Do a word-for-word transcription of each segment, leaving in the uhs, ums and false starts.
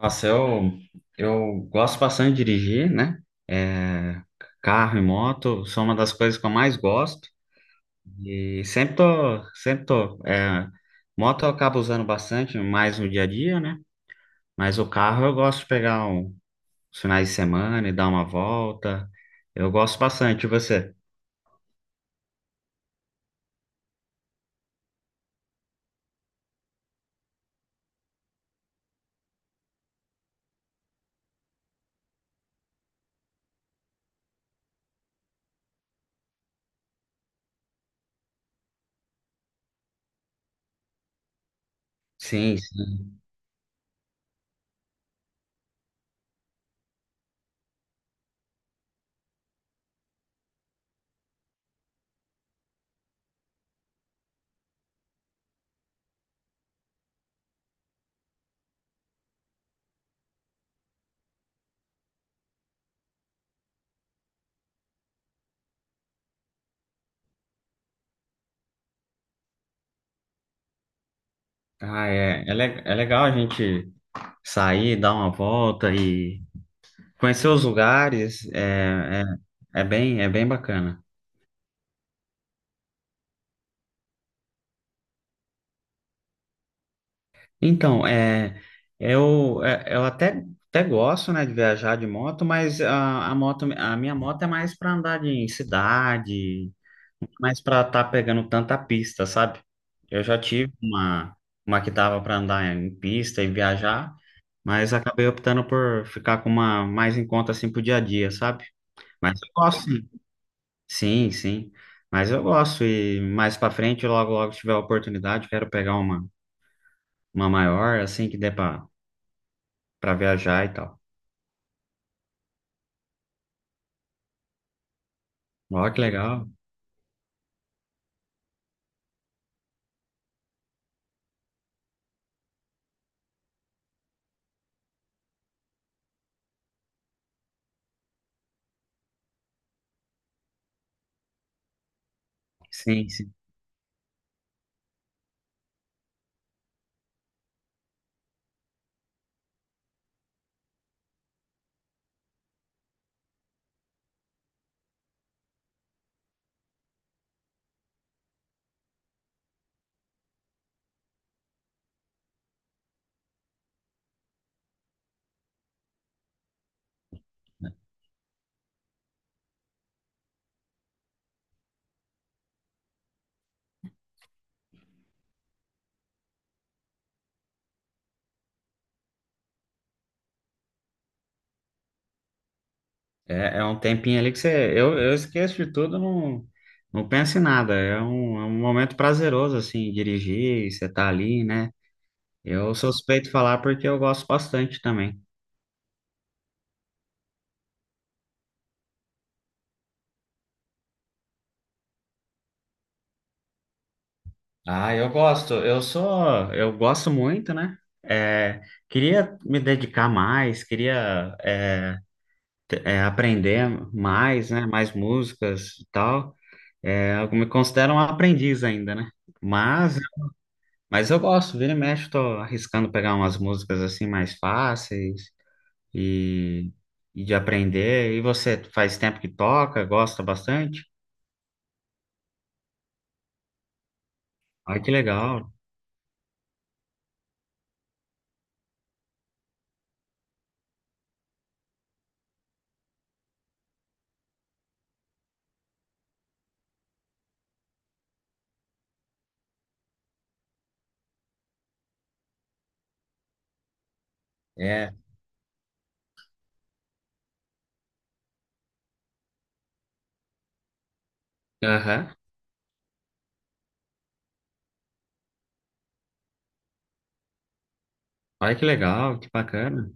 Nossa, eu, eu gosto bastante de dirigir, né? É, carro e moto são uma das coisas que eu mais gosto. E sempre tô, sempre tô. é, moto eu acabo usando bastante, mais no dia a dia, né? Mas o carro eu gosto de pegar um, os finais de semana e dar uma volta. Eu gosto bastante. E você? Sim, sim. Ah, é, é, le- é legal a gente sair, dar uma volta e conhecer os lugares. É, é, é bem, é bem bacana. Então, é, eu, é, eu até, até gosto, né, de viajar de moto, mas a, a moto, a minha moto é mais para andar de- em cidade, mais para estar pegando tanta pista, sabe? Eu já tive uma, uma que dava para andar em pista e viajar, mas acabei optando por ficar com uma mais em conta assim pro dia a dia, sabe? Mas eu gosto, sim. Sim, sim. Mas eu gosto e mais para frente, logo logo se tiver a oportunidade, quero pegar uma uma maior assim que dê para para viajar e tal. Ó, que legal. Sim, sim. É, é um tempinho ali que você. Eu, eu esqueço de tudo, não, não penso em nada. É um, é um momento prazeroso, assim, dirigir, você tá ali, né? Eu sou suspeito de falar porque eu gosto bastante também. Ah, eu gosto. Eu sou. Eu gosto muito, né? É, queria me dedicar mais, queria é, te- é, aprender mais, né? Mais músicas e tal. É, eu me considero um aprendiz ainda, né? Mas. Mas eu gosto, vira e mexe, eu tô arriscando pegar umas músicas assim mais fáceis e, e de aprender. E você faz tempo que toca, gosta bastante? Olha que legal. É. Aham. Olha que legal, que bacana.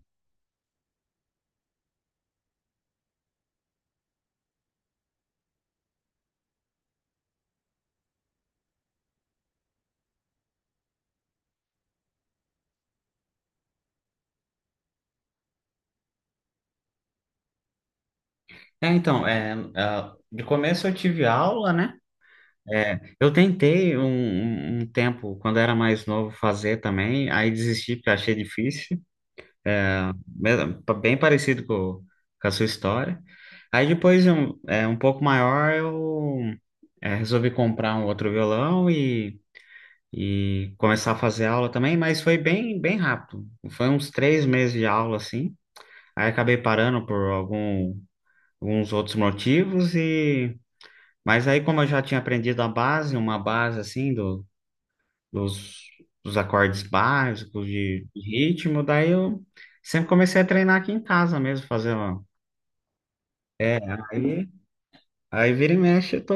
É, então, é, ah, de começo eu tive aula, né? É, eu tentei um, um um tempo, quando era mais novo, fazer também, aí desisti porque achei difícil. É, mesmo- pa- bem parecido com, com a sua história. Aí depois, um, é, um pouco maior, eu é, resolvi comprar um outro violão e, e começar a fazer aula também, mas foi bem, bem rápido. Foi uns três meses de aula, assim. Aí acabei parando por algum, alguns outros motivos e... Mas aí, como eu já tinha aprendido a base, uma base, assim, os, os acordes básicos de de ritmo. Daí eu sempre comecei a treinar aqui em casa mesmo, fazer uma... É, aí, aí vira e mexe, eu tô,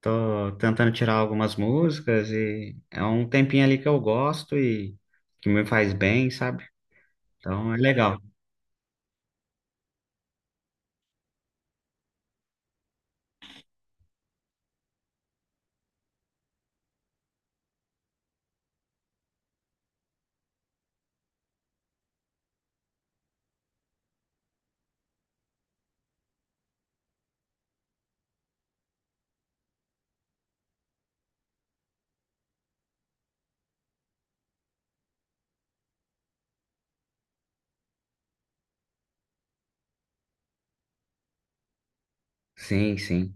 tô tentando tirar algumas músicas e é um tempinho ali que eu gosto e que me faz bem, sabe? Então é legal. Sim, sim.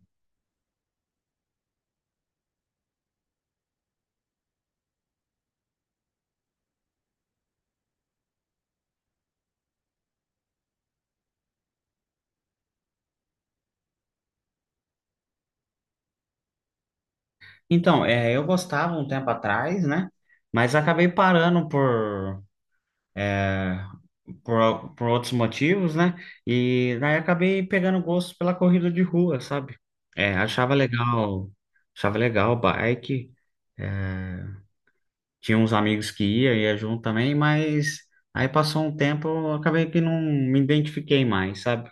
Então, é, eu gostava um tempo atrás, né? Mas acabei parando por é, por, al- por outros motivos, né? E daí acabei pegando gosto pela corrida de rua, sabe? É, achava legal, achava legal o bike. Tinha uns amigos que ia, ia junto também, mas aí passou um tempo, eu acabei que não me identifiquei mais, sabe?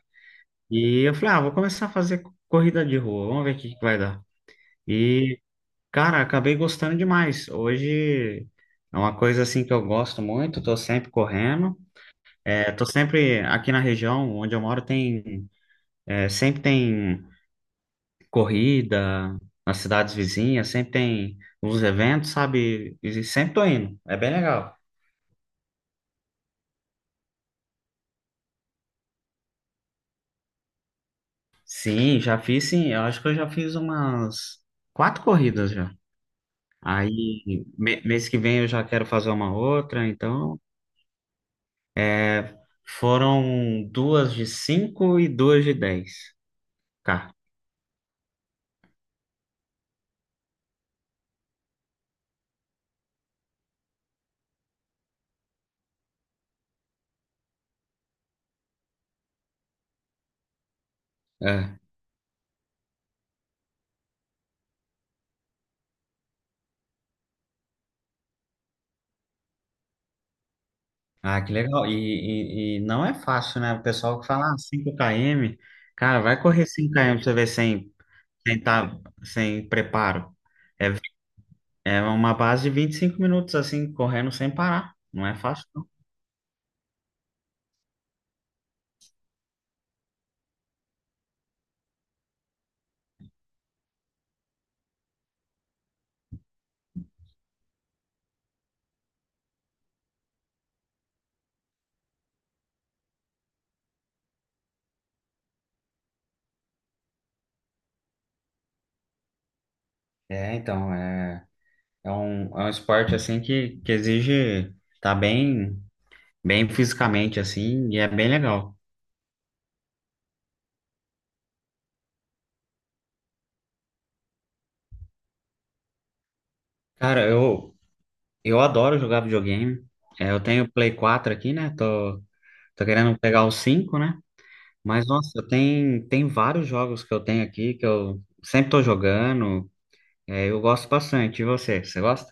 E eu falei, ah, vou começar a fazer co- corrida de rua, vamos ver o que que vai dar. E, cara, acabei gostando demais. Hoje é uma coisa assim que eu gosto muito, tô sempre correndo. É, tô sempre aqui na região onde eu moro tem É, sempre tem corrida nas cidades vizinhas, sempre tem os eventos, sabe? E sempre tô indo. É bem legal. Sim, já fiz, sim. Eu acho que eu já fiz umas quatro corridas já. Aí, me- mês que vem eu já quero fazer uma outra, então, é, foram duas de cinco e duas de dez. Tá. É. Ah, que legal. E, e, e não é fácil, né? O pessoal que fala, ah, cinco quilômetros, cara, vai correr cinco km pra você ver sem sem, tá, sem preparo. É, é uma base de vinte e cinco minutos, assim, correndo sem parar. Não é fácil, não. É, então, é, é um, é um esporte, assim, que, que exige tá bem, bem fisicamente, assim, e é bem legal. Cara, eu, eu adoro jogar videogame. É, eu tenho o Play quatro aqui, né? Tô, tô querendo pegar o cinco, né? Mas, nossa, tem, tem vários jogos que eu tenho aqui que eu sempre tô jogando. É, eu gosto bastante. E você? Você gosta?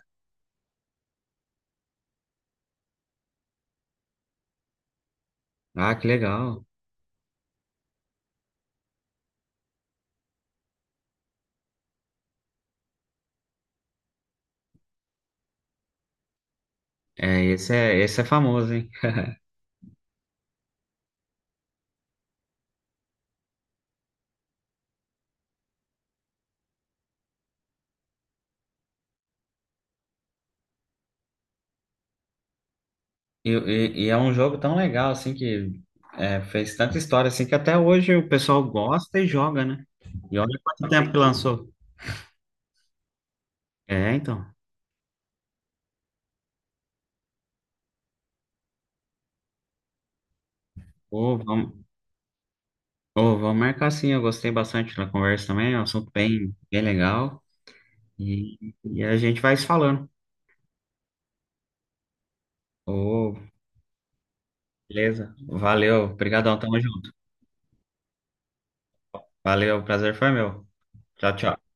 Ah, que legal. É, esse é, esse é famoso, hein? E, e- e é um jogo tão legal, assim, que é, fez tanta história, assim, que até hoje o pessoal gosta e joga, né? E olha quanto tempo que lançou. É, então. Ô, vamos, ô, vamos marcar sim, eu gostei bastante da conversa também, é um assunto bem, bem legal. E, e a gente vai se falando. Ô, beleza. Valeu, obrigadão, tamo junto. Valeu, prazer foi meu. Tchau, tchau.